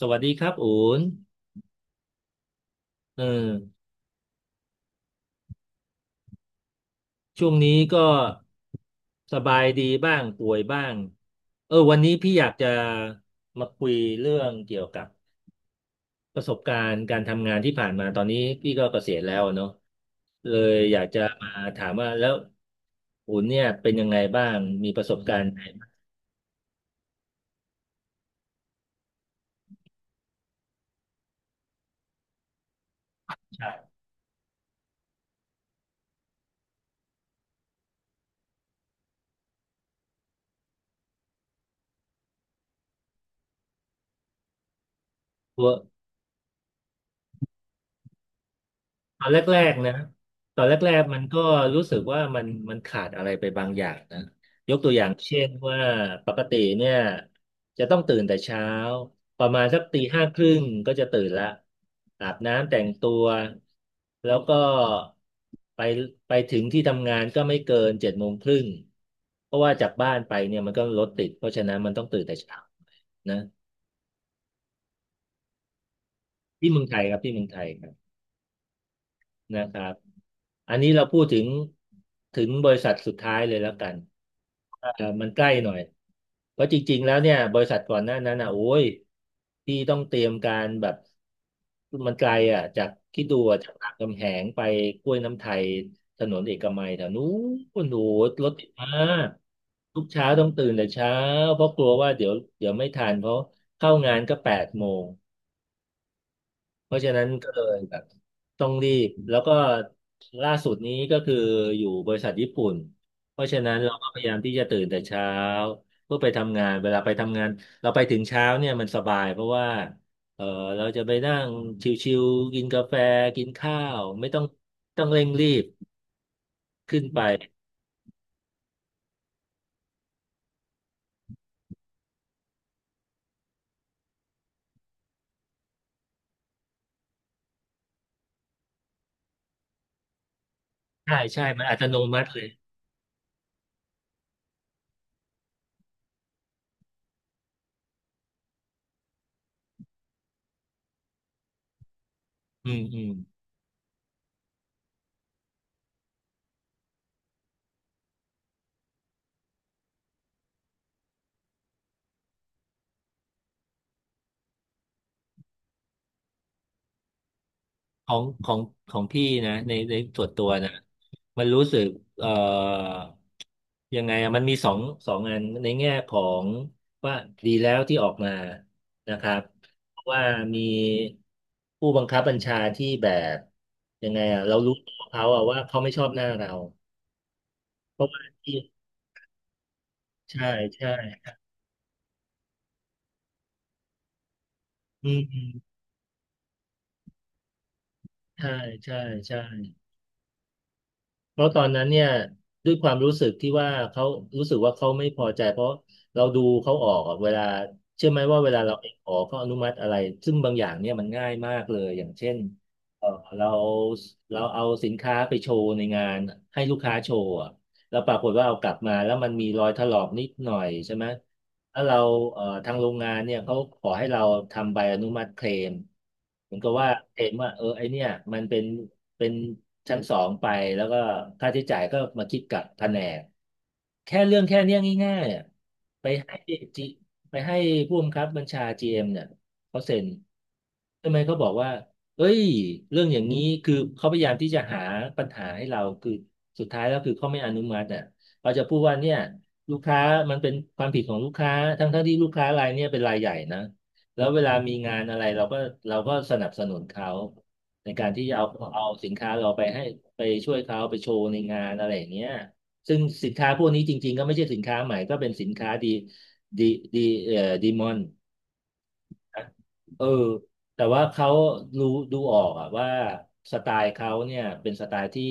สวัสดีครับอูนเออช่วงนี้ก็สบายดีบ้างป่วยบ้างเออวันนี้พี่อยากจะมาคุยเรื่องเกี่ยวกับประสบการณ์การทำงานที่ผ่านมาตอนนี้พี่ก็เกษียณแล้วอะเนาะเลยอยากจะมาถามว่าแล้วอูนเนี่ยเป็นยังไงบ้างมีประสบการณ์ไหนบ้าง ตอนแรกๆนะตอนแรกๆมันก็รู้สึกว่ามันขาดอะไรไปบางอย่างนะยกตัวอย่างเช่นว่าปกติเนี่ยจะต้องตื่นแต่เช้าประมาณสักตีห้าครึ่งก็จะตื่นละอาบน้ำแต่งตัวแล้วก็ไปไปถึงที่ทำงานก็ไม่เกินเจ็ดโมงครึ่งเพราะว่าจากบ้านไปเนี่ยมันก็รถติดเพราะฉะนั้นมันต้องตื่นแต่เช้านะที่เมืองไทยครับที่เมืองไทยครับ นะครับอันนี้เราพูดถึงถึงบริษัทสุดท้ายเลยแล้วกันมันใกล้หน่อยเพราะจริงๆแล้วเนี่ยบริษัทก่อนหน้านั้นอ่ะโอ้ยที่ต้องเตรียมการแบบมันไกลอ่ะจากคิดดูอะจากรามคำแหงไปกล้วยน้ำไทยถนนเอกมัยแถวนู้นโอ้โหรถติดมากทุกเช้าต้องตื่นแต่เช้าเพราะกลัวว่าเดี๋ยวไม่ทันเพราะเข้างานก็แปดโมง เพราะฉะนั้นก็เลยแบบต้องรีบแล้วก็ล่าสุดนี้ก็คืออยู่บริษัทญี่ปุ่นเพราะฉะนั้นเราก็พยายามที่จะตื่นแต่เช้าเพื่อไปทำงานเวลาไปทำงานเราไปถึงเช้าเนี่ยมันสบายเพราะว่าเออเราจะไปนั่งชิวๆกินกาแฟกินข้าวไม่ต้องต้องเร่งรีบขึ้นไปใช่ใช่มันอัตโนมัติเลยอืมอืม ของของพี่นะในส่วนตัวนะมันรู้สึกเอ่อยังไงอะมันมีสองสองอันในแง่ของว่าดีแล้วที่ออกมานะครับเพราะว่ามีผู้บังคับบัญชาที่แบบยังไงอะเรารู้ตัวเขาอะว่าเขาไม่ชอบหน้าเราเพราะว่าที่ใช่ใช่อืมอืมใช่ใช่ใช่ เพราะตอนนั้นเนี่ยด้วยความรู้สึกที่ว่าเขารู้สึกว่าเขาไม่พอใจเพราะเราดูเขาออกอะเวลาเชื่อไหมว่าเวลาเราไปขอเขาอนุมัติอะไรซึ่งบางอย่างเนี่ยมันง่ายมากเลยอย่างเช่นเออเราเราเอาสินค้าไปโชว์ในงานให้ลูกค้าโชว์อะแล้วปรากฏว่าเอากลับมาแล้วมันมีรอยถลอกนิดหน่อยใช่ไหม ถ้าเราทางโรงงานเนี่ยเขาขอให้เราทำใบอนุมัติเคลมเหมือนกับว่าเคลมว่าเออไอเนี่ยมันเป็นชั้นสองไปแล้วก็ค่าใช้จ่ายก็มาคิดกับแผนกแค่เรื่องแค่เนี้ยง่ายๆอ่ะไปให้จีไปให้ผู้บังคับบัญชา GM เอ็มเนี่ยเขาเซ็นทำไมเขาบอกว่าเอ้ยเรื่องอย่างนี้คือเขาพยายามที่จะหาปัญหาให้เราคือสุดท้ายแล้วคือเขาไม่อนุมัติอ่ะเขาจะพูดว่าเนี่ย ลูกค้ามันเป็นความผิดของลูกค้าทั้งที่ลูกค้ารายเนี้ยเป็นรายใหญ่นะแล้วเวลามีงานอะไรเราก็สนับสนุนเขาในการที่จะเอาสินค้าเราไปให้ไปช่วยเขาไปโชว์ในงานอะไรอย่างเงี้ยซึ่งสินค้าพวกนี้จริงๆก็ไม่ใช่สินค้าใหม่ก็เป็นสินค้าดีดีดีดีมอน เออแต่ว่าเขารู้ดูออกอะว่าสไตล์เขาเนี่ยเป็นสไตล์ที่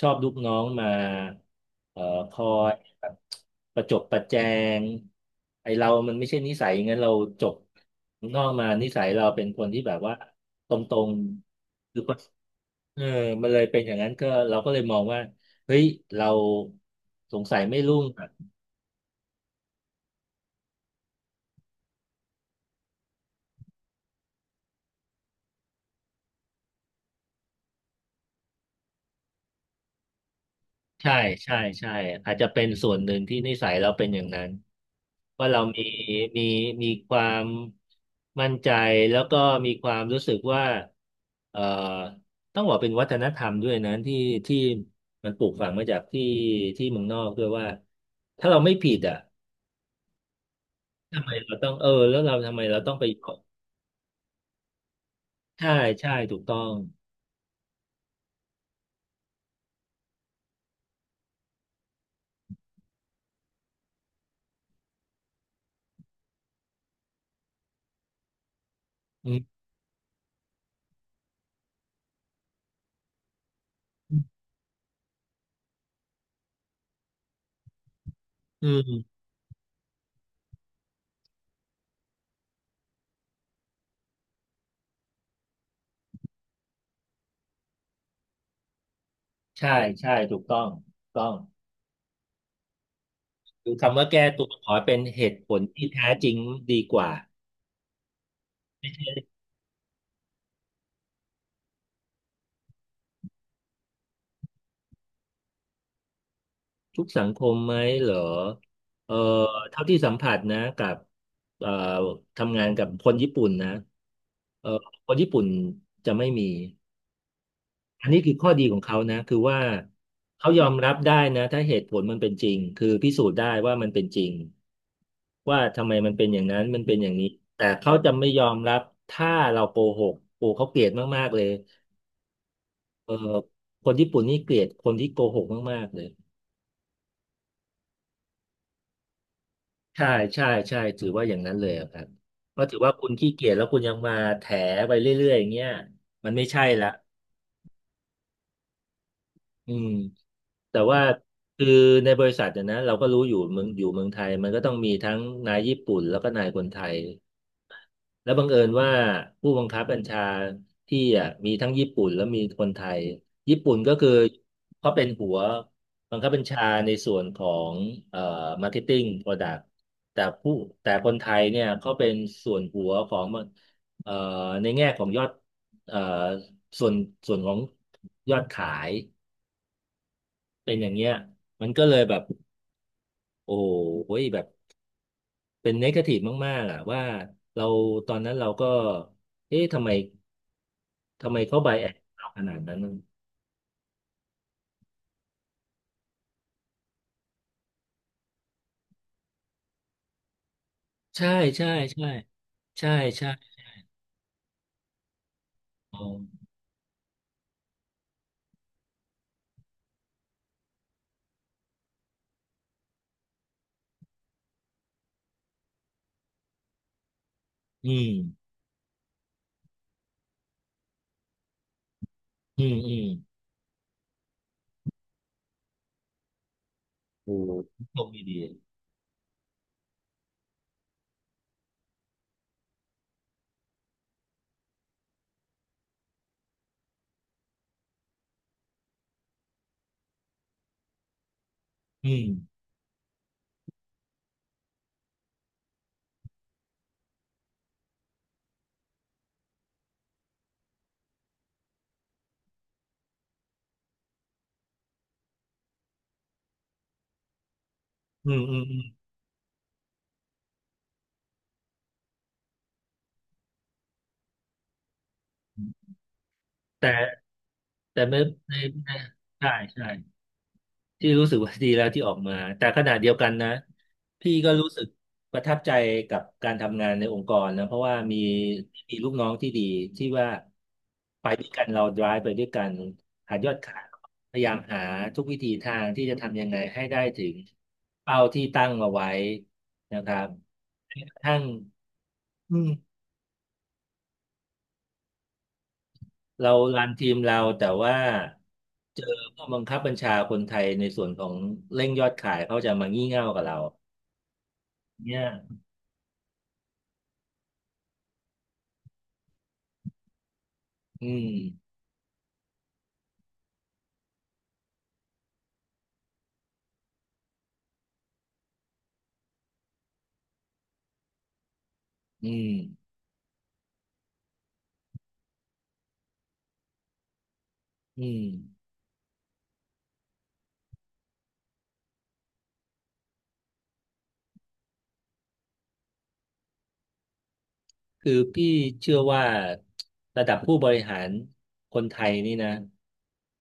ชอบลูกน้องมาเอ่อคอยแบบประจบประแจงไอเรามันไม่ใช่นิสัยอย่างนั้นเราจบข้างนอกมานิสัยเราเป็นคนที่แบบว่าตรงๆคือคนเออมันเลยเป็นอย่างนั้นก็เราก็เลยมองว่าเฮ้ยเราสงสัยไม่รุ่ง ใช่ใช่ใช่อาจจะเป็นส่วนหนึ่งที่นิสัยเราเป็นอย่างนั้นว่าเรามีมีความมั่นใจแล้วก็มีความรู้สึกว่าเอ่อต้องบอกเป็นวัฒนธรรมด้วยนะที่มันปลูกฝังมาจากที่เมืองนอกด้วยว่าถ้าเราไม่ผิดอ่ะทำไมเราต้องเออแล้วเราทำไมเราต้องไปขอใช่ใช่ถูกต้องอืมอืมใช่ใช่ถูกต้องถูกต้อง คือคำว่าแก้ตัวขอเป็นเหตุผลที่แท้จริงดีกว่าทุกสังคมไหมเหรอเออเท่าที่สัมผัสนะกับเอ่อทำงานกับคนญี่ปุ่นนะเออคนญี่ปุ่นจะไม่มีอันนี้คือข้อดีของเขานะคือว่าเขายอมรับได้นะถ้าเหตุผลมันเป็นจริงคือพิสูจน์ได้ว่ามันเป็นจริงว่าทำไมมันเป็นอย่างนั้นมันเป็นอย่างนี้แต่เขาจะไม่ยอมรับถ้าเราโกหกโอ้เขาเกลียดมากๆเลย เออคนญี่ปุ่นนี่เกลียดคนที่โกหกมากๆเลยใช่ใช่ใช่ถือว่าอย่างนั้นเลยอะครับเพราะถือว่าคุณขี้เกียจแล้วคุณยังมาแถไปเรื่อยๆอย่างเงี้ยมันไม่ใช่ละอืมแต่ว่าคือในบริษัทเนี่ยนะเราก็รู้อยู่เมืองอยู่เมืองไทยมันก็ต้องมีทั้งนายญี่ปุ่นแล้วก็นายคนไทย แล้วบังเอิญว่าผู้บังคับบัญชาที่อ่ะมีทั้งญี่ปุ่นแล้วมีคนไทยญี่ปุ่นก็คือเขาเป็นหัวบังคับบัญชาในส่วนของเอ่อมาร์เก็ตติ้งโปรดักต์แต่ผู้แต่คนไทยเนี่ยเขาเป็นส่วนหัวของเอ่อในแง่ของยอดเอ่อส่วนส่วนของยอดขายเป็นอย่างเงี้ยมันก็เลยแบบโอ้โหแบบ เป็นเนกาทีฟมากๆอ่ะว่าเราตอนนั้นเราก็เอ๊ะทำไมทำไมเขาไบแอสเราขนาดนั้นใช่ใช่ใช่ใช่ใช่อ๋ออืมอืมอืมโอ้โชคดีดีอืมอืมอืมอืมแต่แต่ไม่ในในใช่ใช่ ที่รู้สึกว่าดีแล้วที่ออกมาแต่ขณะเดียวกันนะพี่ก็รู้สึกประทับใจกับการทำงานในองค์กรนะเพราะว่ามีมีลูกน้องที่ดีที่ว่าไปด้วยกันเรา drive ไปด้วยกันหายอดขายพยายามหาทุกวิธีทางที่จะทำยังไงให้ได้ถึงเป้าที่ตั้งเอาไว้นะครับแม้กระทั่งอืมเรารันทีมเราแต่ว่าเจอผู้บังคับบัญชาคนไทยในส่วนของเร่งยอดขายเขาจะมางี่เง่ากับเราเนี่ย อืมอืมอืมคือพี่เชื่อว่าระดับผู้บริหารคนไทยนี่นะ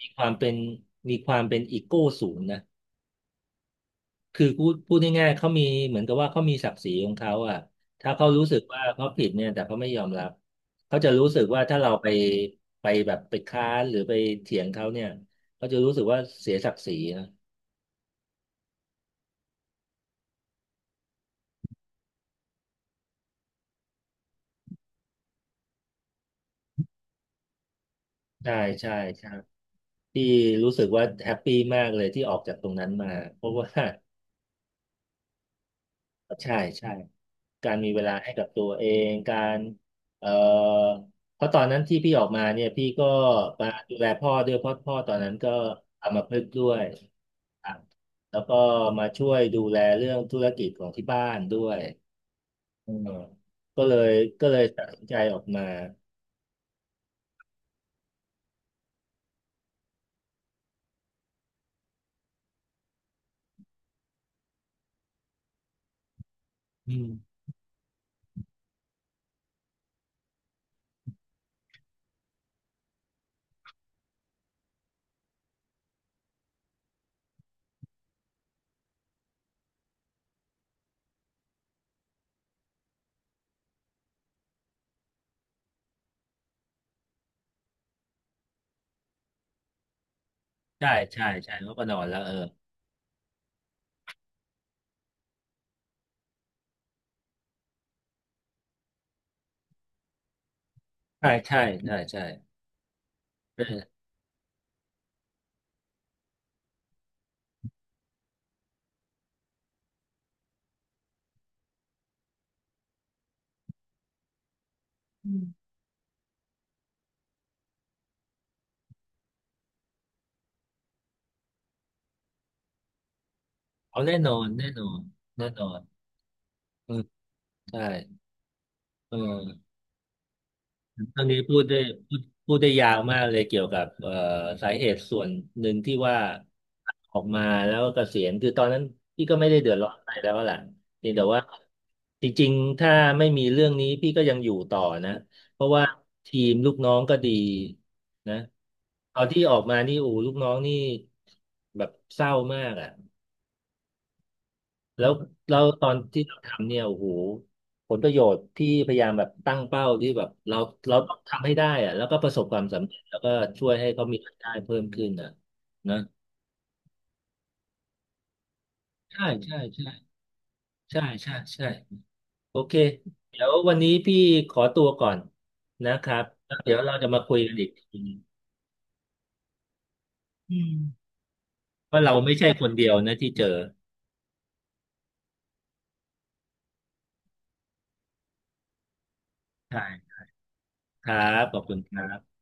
มีความเป็นมีความเป็นอีโก้สูงนะคือพูดพูดง่ายๆเขามีเหมือนกับว่าเขามีศักดิ์ศรีของเขาอ่ะถ้าเขารู้สึกว่าเขาผิดเนี่ยแต่เขาไม่ยอมรับเขาจะรู้สึกว่าถ้าเราไปไปแบบไปค้านหรือไปเถียงเขาเนี่ยเขาจะรู้สึกว่าเสียศักดิ์ศรีนะใช่ใช่ใช่พี่รู้สึกว่าแฮปปี้มากเลยที่ออกจากตรงนั้นมาเพราะว่า ใช่ใช่การมีเวลาให้กับตัวเองการเอ่อเพราะตอนนั้นที่พี่ออกมาเนี่ยพี่ก็มาดูแลพ่อด้วยเพราะพ่อตอนนั้นก็อัมพฤกษ์ด้วยครับแล้วก็มาช่วยดูแลเรื่องธุรกิจของที่บ้านด้วยอืมก็เลยก็เลยตัดสินใจออกมาอืมใช่ใช่ใช่เล้วก็นอนแล้วเออใช่ใช่ใช่ใช่เอออืม เอาแน่นอนแน่นอนแน่นอนอืมใช่เออ ตอนนี้พูดได้พูดพูดได้ยาวมากเลยเกี่ยวกับสาเหตุส่วนหนึ่งที่ว่าออกมาแล้วก็เกษียณคือตอนนั้นพี่ก็ไม่ได้เดือดร้อนอะไรแล้วล่ะเพียงแต่ว่าจริงๆถ้าไม่มีเรื่องนี้พี่ก็ยังอยู่ต่อนะเพราะว่าทีมลูกน้องก็ดีนะตอนที่ออกมานี่โอ้ลูกน้องนี่แบบเศร้ามากอ่ะ แล้วเราตอนที่เราทำเนี่ยโอ้โหผลประโยชน์ที่พยายามแบบตั้งเป้าที่แบบเราเราต้องทำให้ได้อะแล้วก็ประสบความสำเร็จแล้วก็ช่วยให้เขามีรายได้เพิ่มขึ้นอะนะใช่ใช่ใช่ใช่ใช่ใช่โอเคเดี๋ยววันนี้พี่ขอตัวก่อนนะครับแล้วเดี๋ยวเราจะมาคุยกันอีกทีนึงอืมว่าเราไม่ใช่คนเดียวนะที่เจอใช่ครับขอบคุณครับ